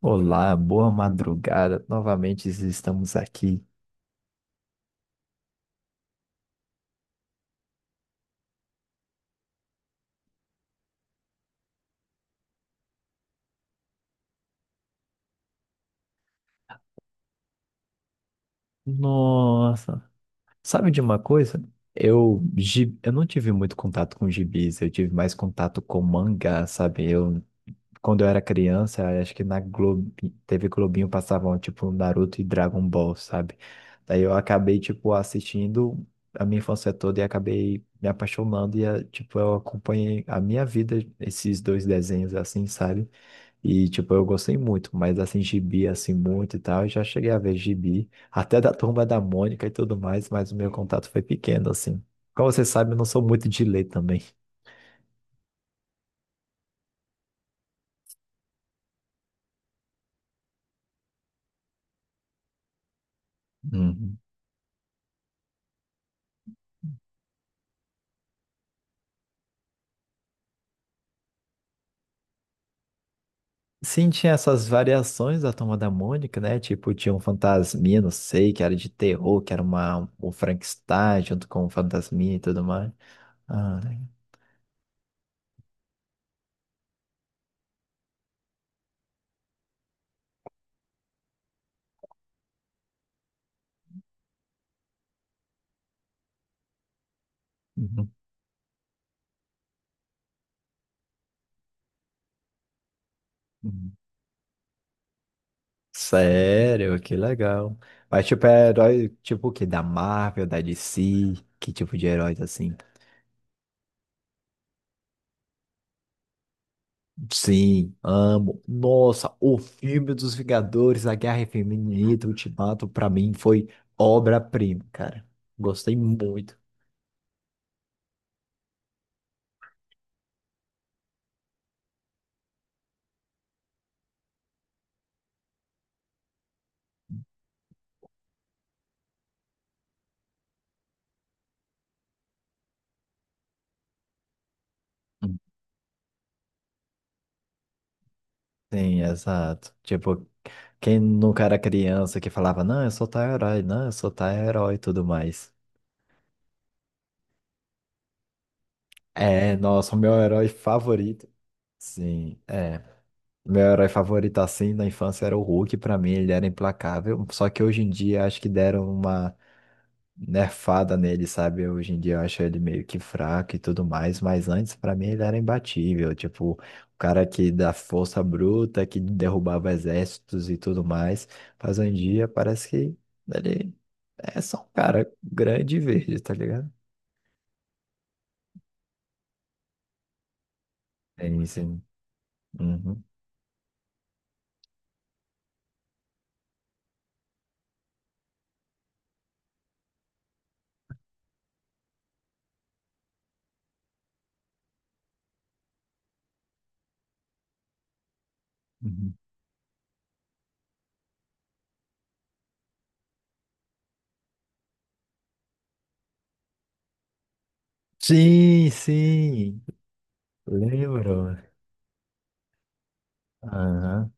Olá, boa madrugada. Novamente estamos aqui. Nossa, sabe de uma coisa? Eu não tive muito contato com gibis, eu tive mais contato com mangá, sabe? Eu, quando eu era criança, acho que na Globo, teve Globinho passavam tipo Naruto e Dragon Ball, sabe? Daí eu acabei tipo assistindo a minha infância toda e acabei me apaixonando e tipo eu acompanhei a minha vida esses dois desenhos assim, sabe? E, tipo, eu gostei muito, mas, assim, gibi, assim, muito e tal, eu já cheguei a ver gibi, até da Turma da Mônica e tudo mais, mas o meu contato foi pequeno, assim. Como você sabe, eu não sou muito de ler também. Uhum. Sim, tinha essas variações da Turma da Mônica, né? Tipo, tinha um fantasminha, não sei, que era de terror, que era uma, o Frankenstein junto com o fantasminha e tudo mais. Ah, né? Uhum. Uhum. Sério, que legal. Mas, tipo, é herói, tipo, o quê? Da Marvel, da DC? Que tipo de heróis, assim? Sim, amo. Nossa, o filme dos Vingadores, A Guerra Infinita, Ultimato, pra mim foi obra-prima, cara. Gostei muito. Sim, exato. Tipo, quem nunca era criança que falava, não, eu sou tal herói, não, eu sou tal herói e tudo mais. É, nossa, o meu herói favorito. Sim, é. Meu herói favorito assim na infância era o Hulk, pra mim ele era implacável. Só que hoje em dia acho que deram uma nerfada nele, sabe? Hoje em dia eu acho ele meio que fraco e tudo mais, mas antes pra mim ele era imbatível, tipo, o cara que da força bruta, que derrubava exércitos e tudo mais, mas hoje em dia parece que ele é só um cara grande e verde, tá ligado? Sim, sim. Uhum. Uhum. Sim, sim, lembro. Aham.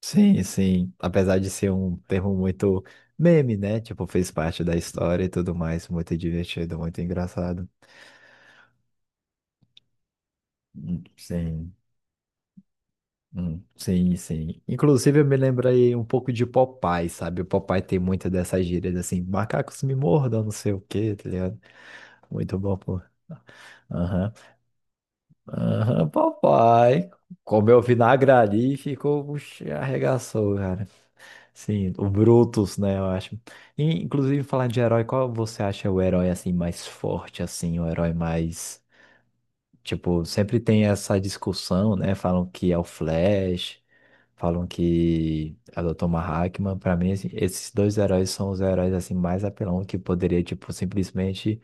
Sim, sim. Apesar de ser um termo muito meme, né? Tipo, fez parte da história e tudo mais. Muito divertido, muito engraçado. Sim, sim, sim. Inclusive, eu me lembrei um pouco de Popeye, sabe? O Popeye tem muita dessas gírias assim: macacos me mordam, não sei o quê, tá ligado? Muito bom, pô. Aham. Aham, papai. Comeu vinagre ali e ficou, puxa, arregaçou, cara. Sim, o Brutus, né, eu acho. E, inclusive, falar de herói, qual você acha o herói, assim, mais forte, assim, o herói mais... Tipo, sempre tem essa discussão, né, falam que é o Flash, falam que é o Dr. Manhattan. Pra mim, assim, esses dois heróis são os heróis, assim, mais apelão que poderia, tipo, simplesmente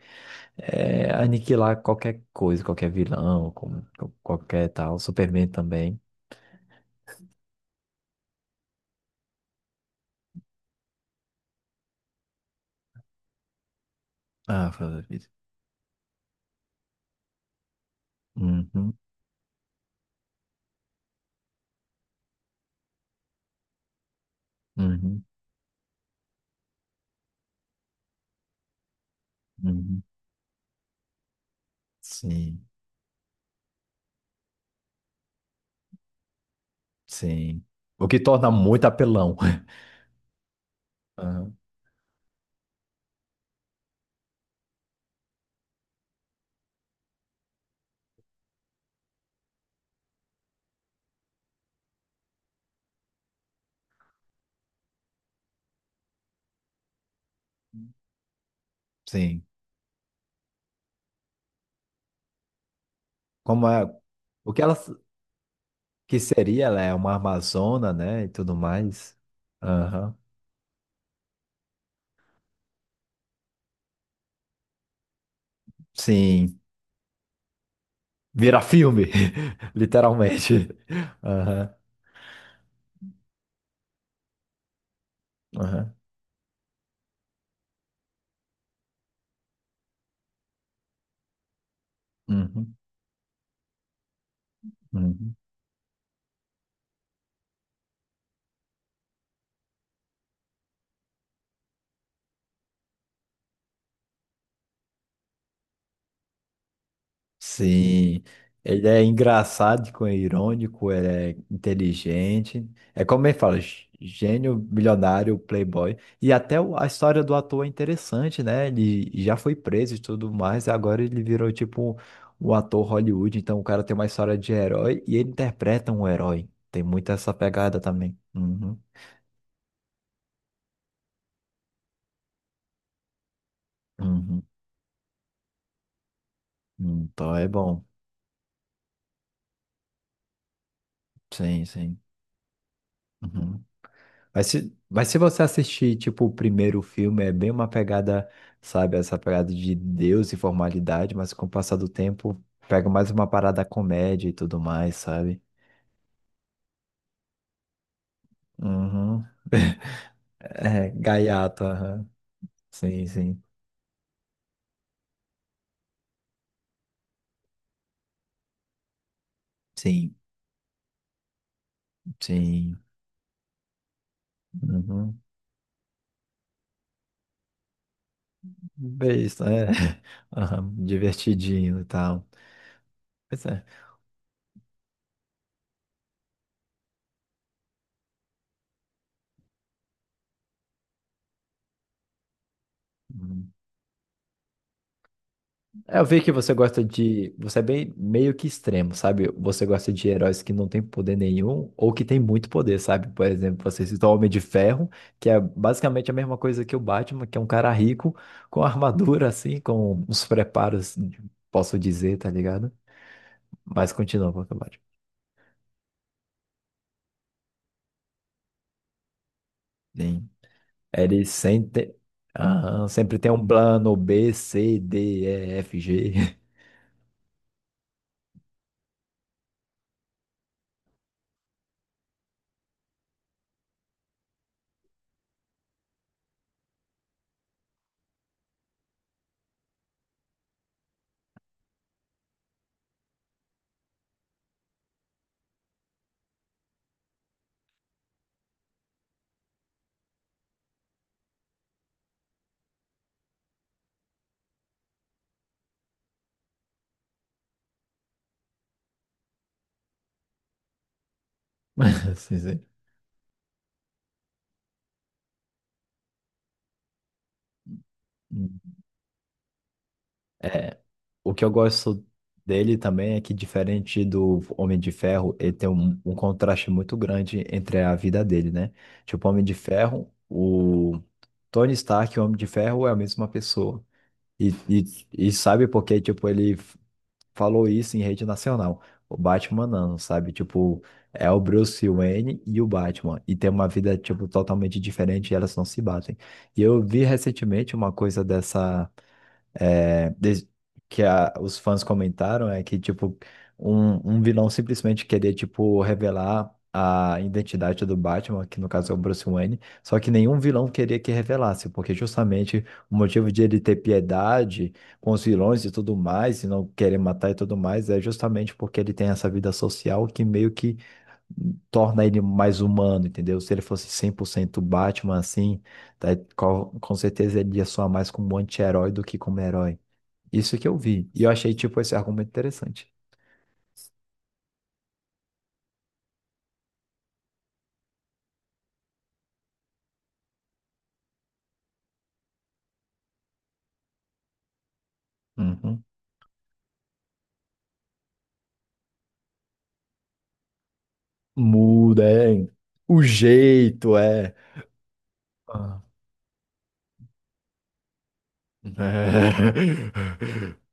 é, aniquilar qualquer coisa, qualquer vilão, qualquer tal. Superman também. Ah, foda vida. Uhum, uhum, uhum. Sim, sim. O que torna muito apelão. Aham. Sim. Como é, o que ela que seria, ela é uma amazona, né, e tudo mais. Aham. Sim. Vira filme, literalmente. Aham, aham, uhum, uhum. Sim, ele é engraçado, é irônico, ele é inteligente. É como ele fala, gênio, milionário, playboy. E até a história do ator é interessante, né? Ele já foi preso e tudo mais, e agora ele virou tipo o ator Hollywood. Então o cara tem uma história de herói e ele interpreta um herói. Tem muito essa pegada também. Uhum, uhum. Uhum. Então é bom. Sim, sim. Uhum. Mas se você assistir, tipo, o primeiro filme, é bem uma pegada, sabe, essa pegada de Deus e formalidade, mas com o passar do tempo, pega mais uma parada comédia e tudo mais, sabe? Uhum. É, gaiato, aham. Sim, sim. Sim, sim. Uhum. Bem isso, é. Aham, divertidinho e tal. Pois é. Uhum. É, eu vi que você gosta de. Você é bem meio que extremo, sabe? Você gosta de heróis que não têm poder nenhum ou que têm muito poder, sabe? Por exemplo, você citou o Homem de Ferro, que é basicamente a mesma coisa que o Batman, que é um cara rico com armadura, assim, com os preparos, posso dizer, tá ligado? Mas continua com o Sim. Ele sempre, aham, sempre tem um plano B, C, D, E, F, G. Sim, sim. É. O que eu gosto dele também é que, diferente do Homem de Ferro, ele tem um contraste muito grande entre a vida dele, né? Tipo, Homem de Ferro, o Tony Stark e o Homem de Ferro é a mesma pessoa. E, e, e sabe porque, tipo, falou isso em rede nacional. O Batman não, sabe? Tipo, é o Bruce Wayne e o Batman. E tem uma vida, tipo, totalmente diferente e elas não se batem. E eu vi recentemente uma coisa dessa des- que os fãs comentaram é que, tipo, um vilão simplesmente queria, tipo, revelar a identidade do Batman, que no caso é o Bruce Wayne, só que nenhum vilão queria que revelasse, porque justamente o motivo de ele ter piedade com os vilões e tudo mais, e não querer matar e tudo mais, é justamente porque ele tem essa vida social que meio que torna ele mais humano, entendeu? Se ele fosse 100% Batman, assim, tá, com certeza ele ia soar mais como um anti-herói do que como herói. Isso que eu vi. E eu achei, tipo, esse argumento interessante. Uhum. Muda, é. O jeito é. Ah. Uhum.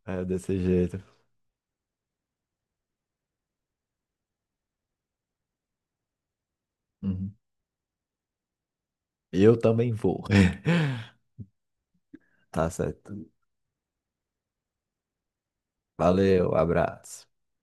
É, é desse jeito. Uhum. Eu também vou. Tá certo. Valeu, abraço.